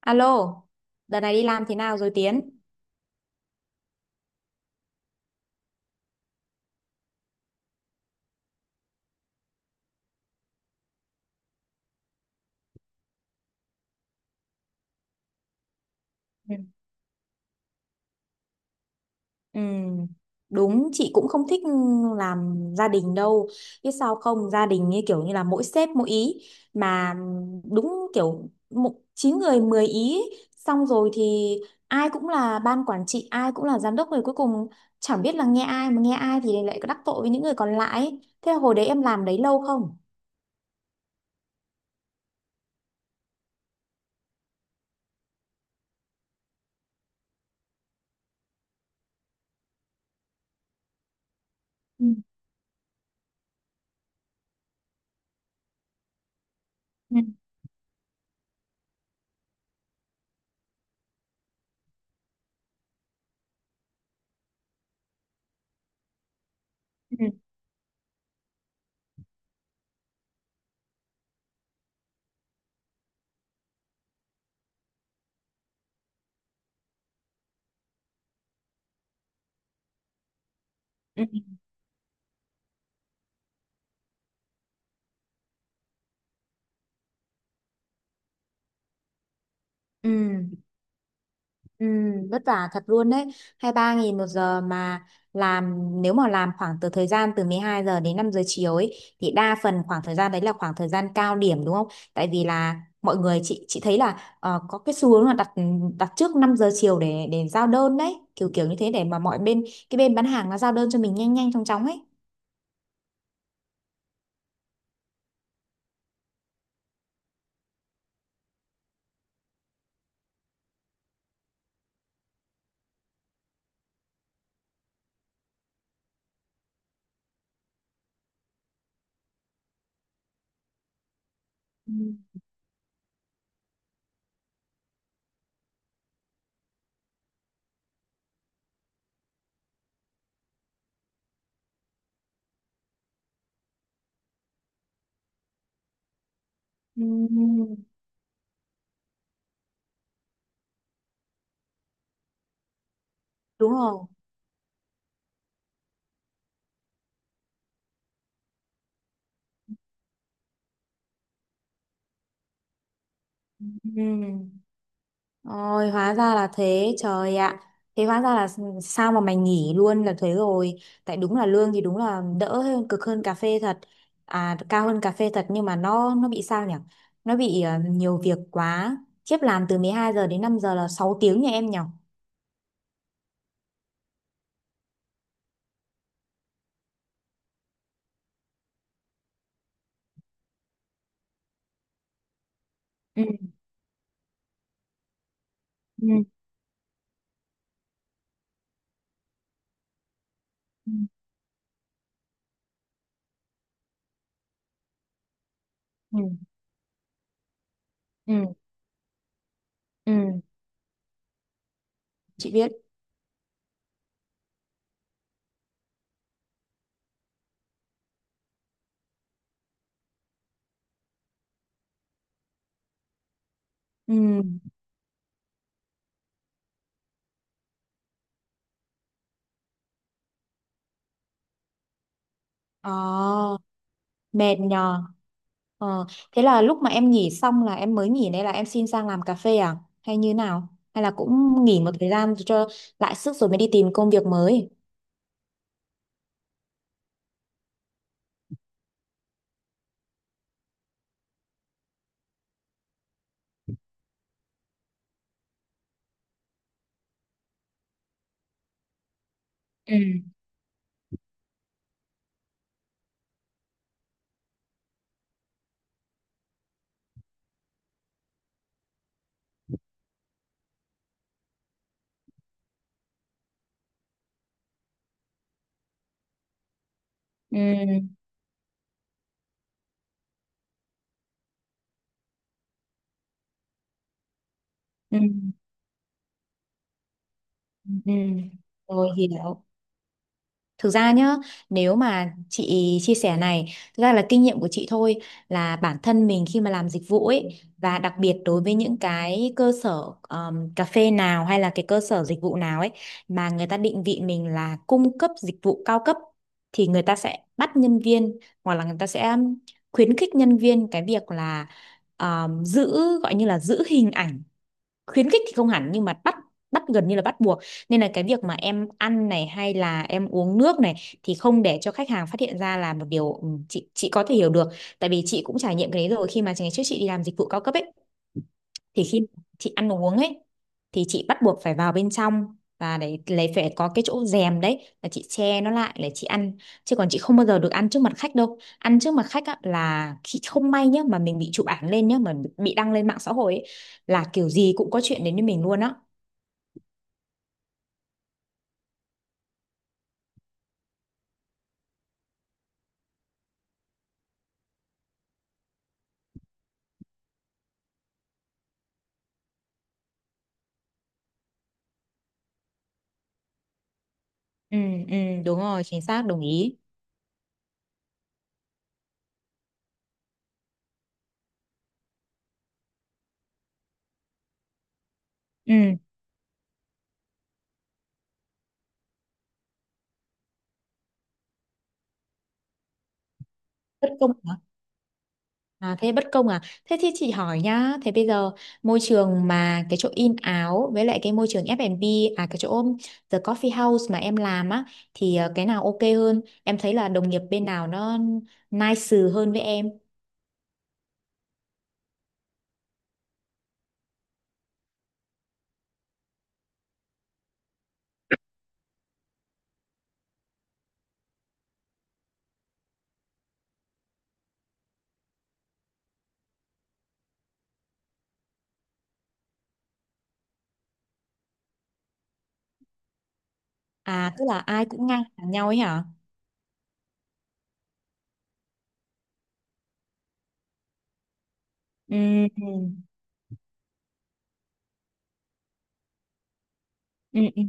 Alo, đợt này đi làm thế nào rồi Tiến? Ừ. Ừ, đúng, chị cũng không thích làm gia đình đâu. Biết sao không, gia đình như kiểu như là mỗi sếp mỗi ý. Mà đúng kiểu một, 9 người 10 ý. Ấy. Xong rồi thì ai cũng là ban quản trị, ai cũng là giám đốc rồi cuối cùng chẳng biết là nghe ai mà nghe ai thì lại đắc tội với những người còn lại ấy. Thế là hồi đấy em làm đấy lâu không? Ừ. Ừ. Ừ. Ừ. Ừ. Ừ, vất vả thật luôn đấy, 23 nghìn một giờ mà. Làm nếu mà làm khoảng từ thời gian từ 12 giờ đến 5 giờ chiều ấy thì đa phần khoảng thời gian đấy là khoảng thời gian cao điểm đúng không, tại vì là mọi người, chị thấy là có cái xu hướng là đặt đặt trước 5 giờ chiều để giao đơn đấy, kiểu kiểu như thế để mà mọi bên, cái bên bán hàng nó giao đơn cho mình nhanh nhanh chóng chóng ấy. Ừ. Ừ, đúng rồi. Ừ. Ôi, hóa ra là thế, trời ạ. Thế hóa ra là sao mà mày nghỉ luôn là thế rồi. Tại đúng là lương thì đúng là đỡ hơn, cực hơn cà phê thật. À, cao hơn cà phê thật nhưng mà nó bị sao nhỉ? Nó bị nhiều việc quá. Chiếp làm từ 12 giờ đến 5 giờ là 6 tiếng nha em nhỉ? Ừ. Ừ. Ừ. Ừ. Ừ. Ừ. Chị biết. Ừ. Ờ. Mệt nhờ. Ờ. Thế là lúc mà em nghỉ xong là em mới nghỉ đây, là em xin sang làm cà phê à, hay như nào, hay là cũng nghỉ một thời gian cho lại sức rồi mới đi tìm công việc mới? Ừ. Ừ. Ừ. Ừ. Ừ. Rồi hiểu. Thực ra nhá, nếu mà chị chia sẻ này, thực ra là kinh nghiệm của chị thôi, là bản thân mình khi mà làm dịch vụ ấy, và đặc biệt đối với những cái cơ sở cà phê nào hay là cái cơ sở dịch vụ nào ấy mà người ta định vị mình là cung cấp dịch vụ cao cấp, thì người ta sẽ bắt nhân viên hoặc là người ta sẽ khuyến khích nhân viên cái việc là giữ, gọi như là giữ hình ảnh. Khuyến khích thì không hẳn nhưng mà bắt bắt gần như là bắt buộc, nên là cái việc mà em ăn này hay là em uống nước này thì không để cho khách hàng phát hiện ra là một điều, ừ, chị có thể hiểu được, tại vì chị cũng trải nghiệm cái đấy rồi khi mà ngày trước chị đi làm dịch vụ cao cấp ấy. Thì khi chị ăn uống ấy thì chị bắt buộc phải vào bên trong và để lấy, phải có cái chỗ rèm đấy là chị che nó lại để chị ăn, chứ còn chị không bao giờ được ăn trước mặt khách đâu. Ăn trước mặt khách á, là khi không may nhá mà mình bị chụp ảnh lên nhá, mà bị đăng lên mạng xã hội ấy, là kiểu gì cũng có chuyện đến với mình luôn á. Ừ. Ừ, đúng rồi, chính xác, đồng ý. Ừ, bất công. À, thế bất công à? Thế thì chị hỏi nhá, thế bây giờ môi trường mà cái chỗ in áo với lại cái môi trường F&B, à cái chỗ The Coffee House mà em làm á, thì cái nào ok hơn? Em thấy là đồng nghiệp bên nào nó nice hơn với em. À tức là ai cũng ngang hàng nhau ấy hả? Ừ, ừ, ừ. Ừ.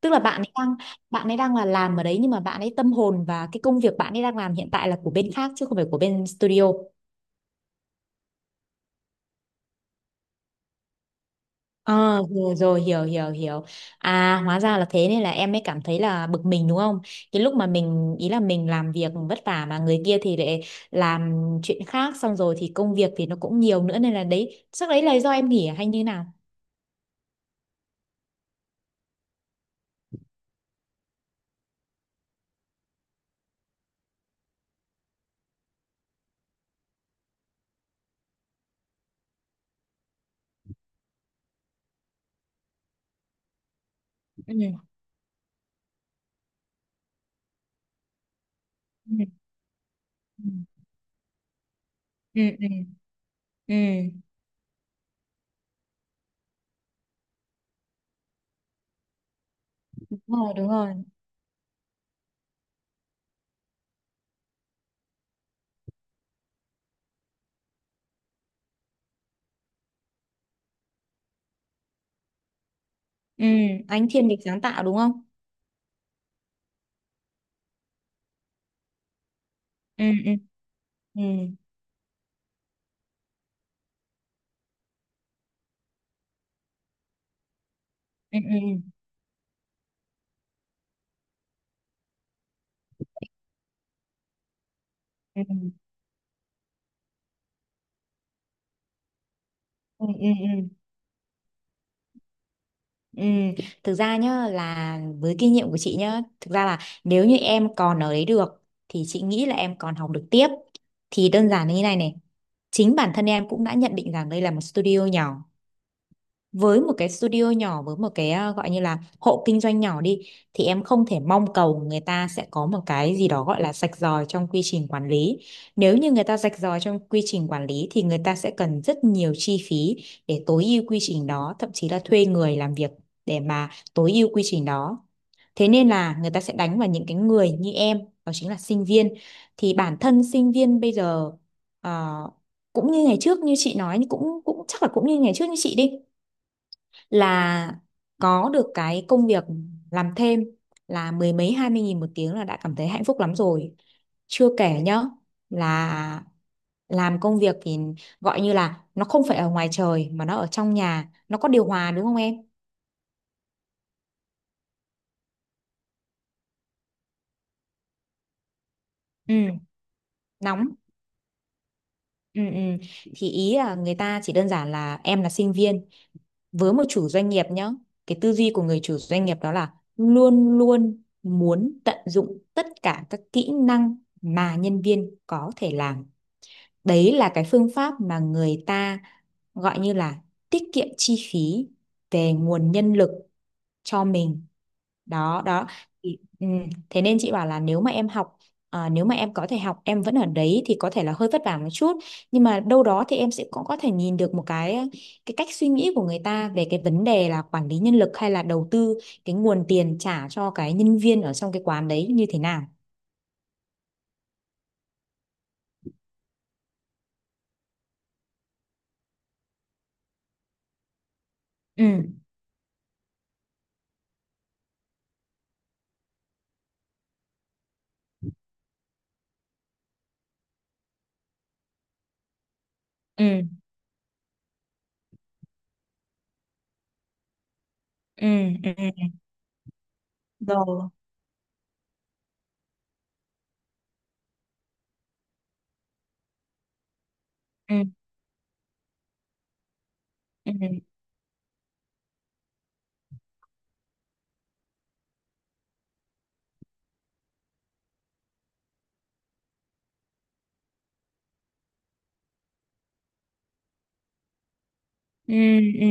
Tức là bạn ấy đang, bạn ấy đang là làm ở đấy nhưng mà bạn ấy tâm hồn và cái công việc bạn ấy đang làm hiện tại là của bên khác chứ không phải của bên studio. Ờ, rồi rồi, hiểu hiểu hiểu. À hóa ra là thế, nên là em mới cảm thấy là bực mình đúng không, cái lúc mà mình ý là mình làm việc vất vả mà người kia thì lại làm chuyện khác, xong rồi thì công việc thì nó cũng nhiều nữa, nên là đấy chắc đấy là do em nghỉ à, hay như nào? Ừ. Ừ. Ừ. Ừ. Ừ. Ừ. Đúng rồi, đúng rồi. Ừ, anh thiên về sáng tạo đúng không? Ừ. Ừ. Ừ. Ừ. Ừ. Ừ. Ừ. Ừ. Ừ. Ừ. Ừ, thực ra nhá là với kinh nghiệm của chị nhá, thực ra là nếu như em còn ở đấy được thì chị nghĩ là em còn học được tiếp. Thì đơn giản là như này này, chính bản thân em cũng đã nhận định rằng đây là một studio nhỏ, với một cái studio nhỏ với một cái à, gọi như là hộ kinh doanh nhỏ đi, thì em không thể mong cầu người ta sẽ có một cái gì đó gọi là rạch ròi trong quy trình quản lý. Nếu như người ta rạch ròi trong quy trình quản lý thì người ta sẽ cần rất nhiều chi phí để tối ưu quy trình đó, thậm chí là thuê người làm việc để mà tối ưu quy trình đó. Thế nên là người ta sẽ đánh vào những cái người như em, đó chính là sinh viên. Thì bản thân sinh viên bây giờ ờ, cũng như ngày trước như chị nói, cũng cũng chắc là cũng như ngày trước như chị đi, là có được cái công việc làm thêm là mười mấy 20 nghìn một tiếng là đã cảm thấy hạnh phúc lắm rồi. Chưa kể nhá, là làm công việc thì gọi như là nó không phải ở ngoài trời mà nó ở trong nhà, nó có điều hòa đúng không em? Ừ, nóng. Ừ. Ừ, thì ý là người ta chỉ đơn giản là em là sinh viên, với một chủ doanh nghiệp nhá, cái tư duy của người chủ doanh nghiệp đó là luôn luôn muốn tận dụng tất cả các kỹ năng mà nhân viên có thể làm. Đấy là cái phương pháp mà người ta gọi như là tiết kiệm chi phí về nguồn nhân lực cho mình. Đó đó, thì, ừ, thế nên chị bảo là nếu mà em học, à, nếu mà em có thể học em vẫn ở đấy thì có thể là hơi vất vả một chút nhưng mà đâu đó thì em sẽ cũng có thể nhìn được một cái cách suy nghĩ của người ta về cái vấn đề là quản lý nhân lực hay là đầu tư cái nguồn tiền trả cho cái nhân viên ở trong cái quán đấy như thế nào. Ừ. Ừ. Ừ. Ừ. Ừ. Rồi. Ừ. Ừ. Ừ. Ừ.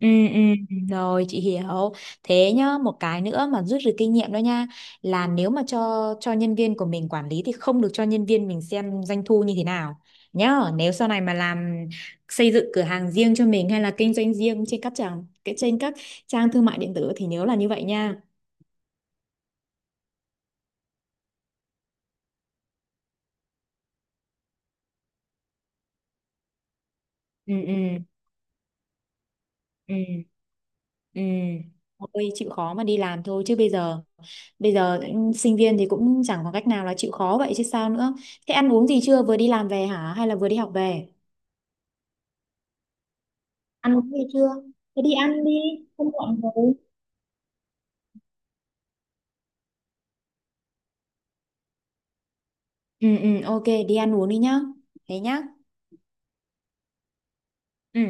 Ừ, ừ, rồi chị hiểu. Thế nhá, một cái nữa mà rút được kinh nghiệm đó nha, là nếu mà cho nhân viên của mình quản lý thì không được cho nhân viên mình xem doanh thu như thế nào nhá. Nếu sau này mà làm, xây dựng cửa hàng riêng cho mình hay là kinh doanh riêng trên các trang, cái trên các trang thương mại điện tử thì nhớ là như vậy nha. Ừ, ừ. Ừ. Ừ. Thôi chịu khó mà đi làm thôi, chứ bây giờ, bây giờ sinh viên thì cũng chẳng có cách nào, là chịu khó vậy chứ sao nữa. Thế ăn uống gì chưa, vừa đi làm về hả hay là vừa đi học về? Ăn uống gì chưa? Thế đi ăn đi, không muộn rồi. Ừ ừ, ok, đi ăn uống đi nhá. Thế nhá. Ừ.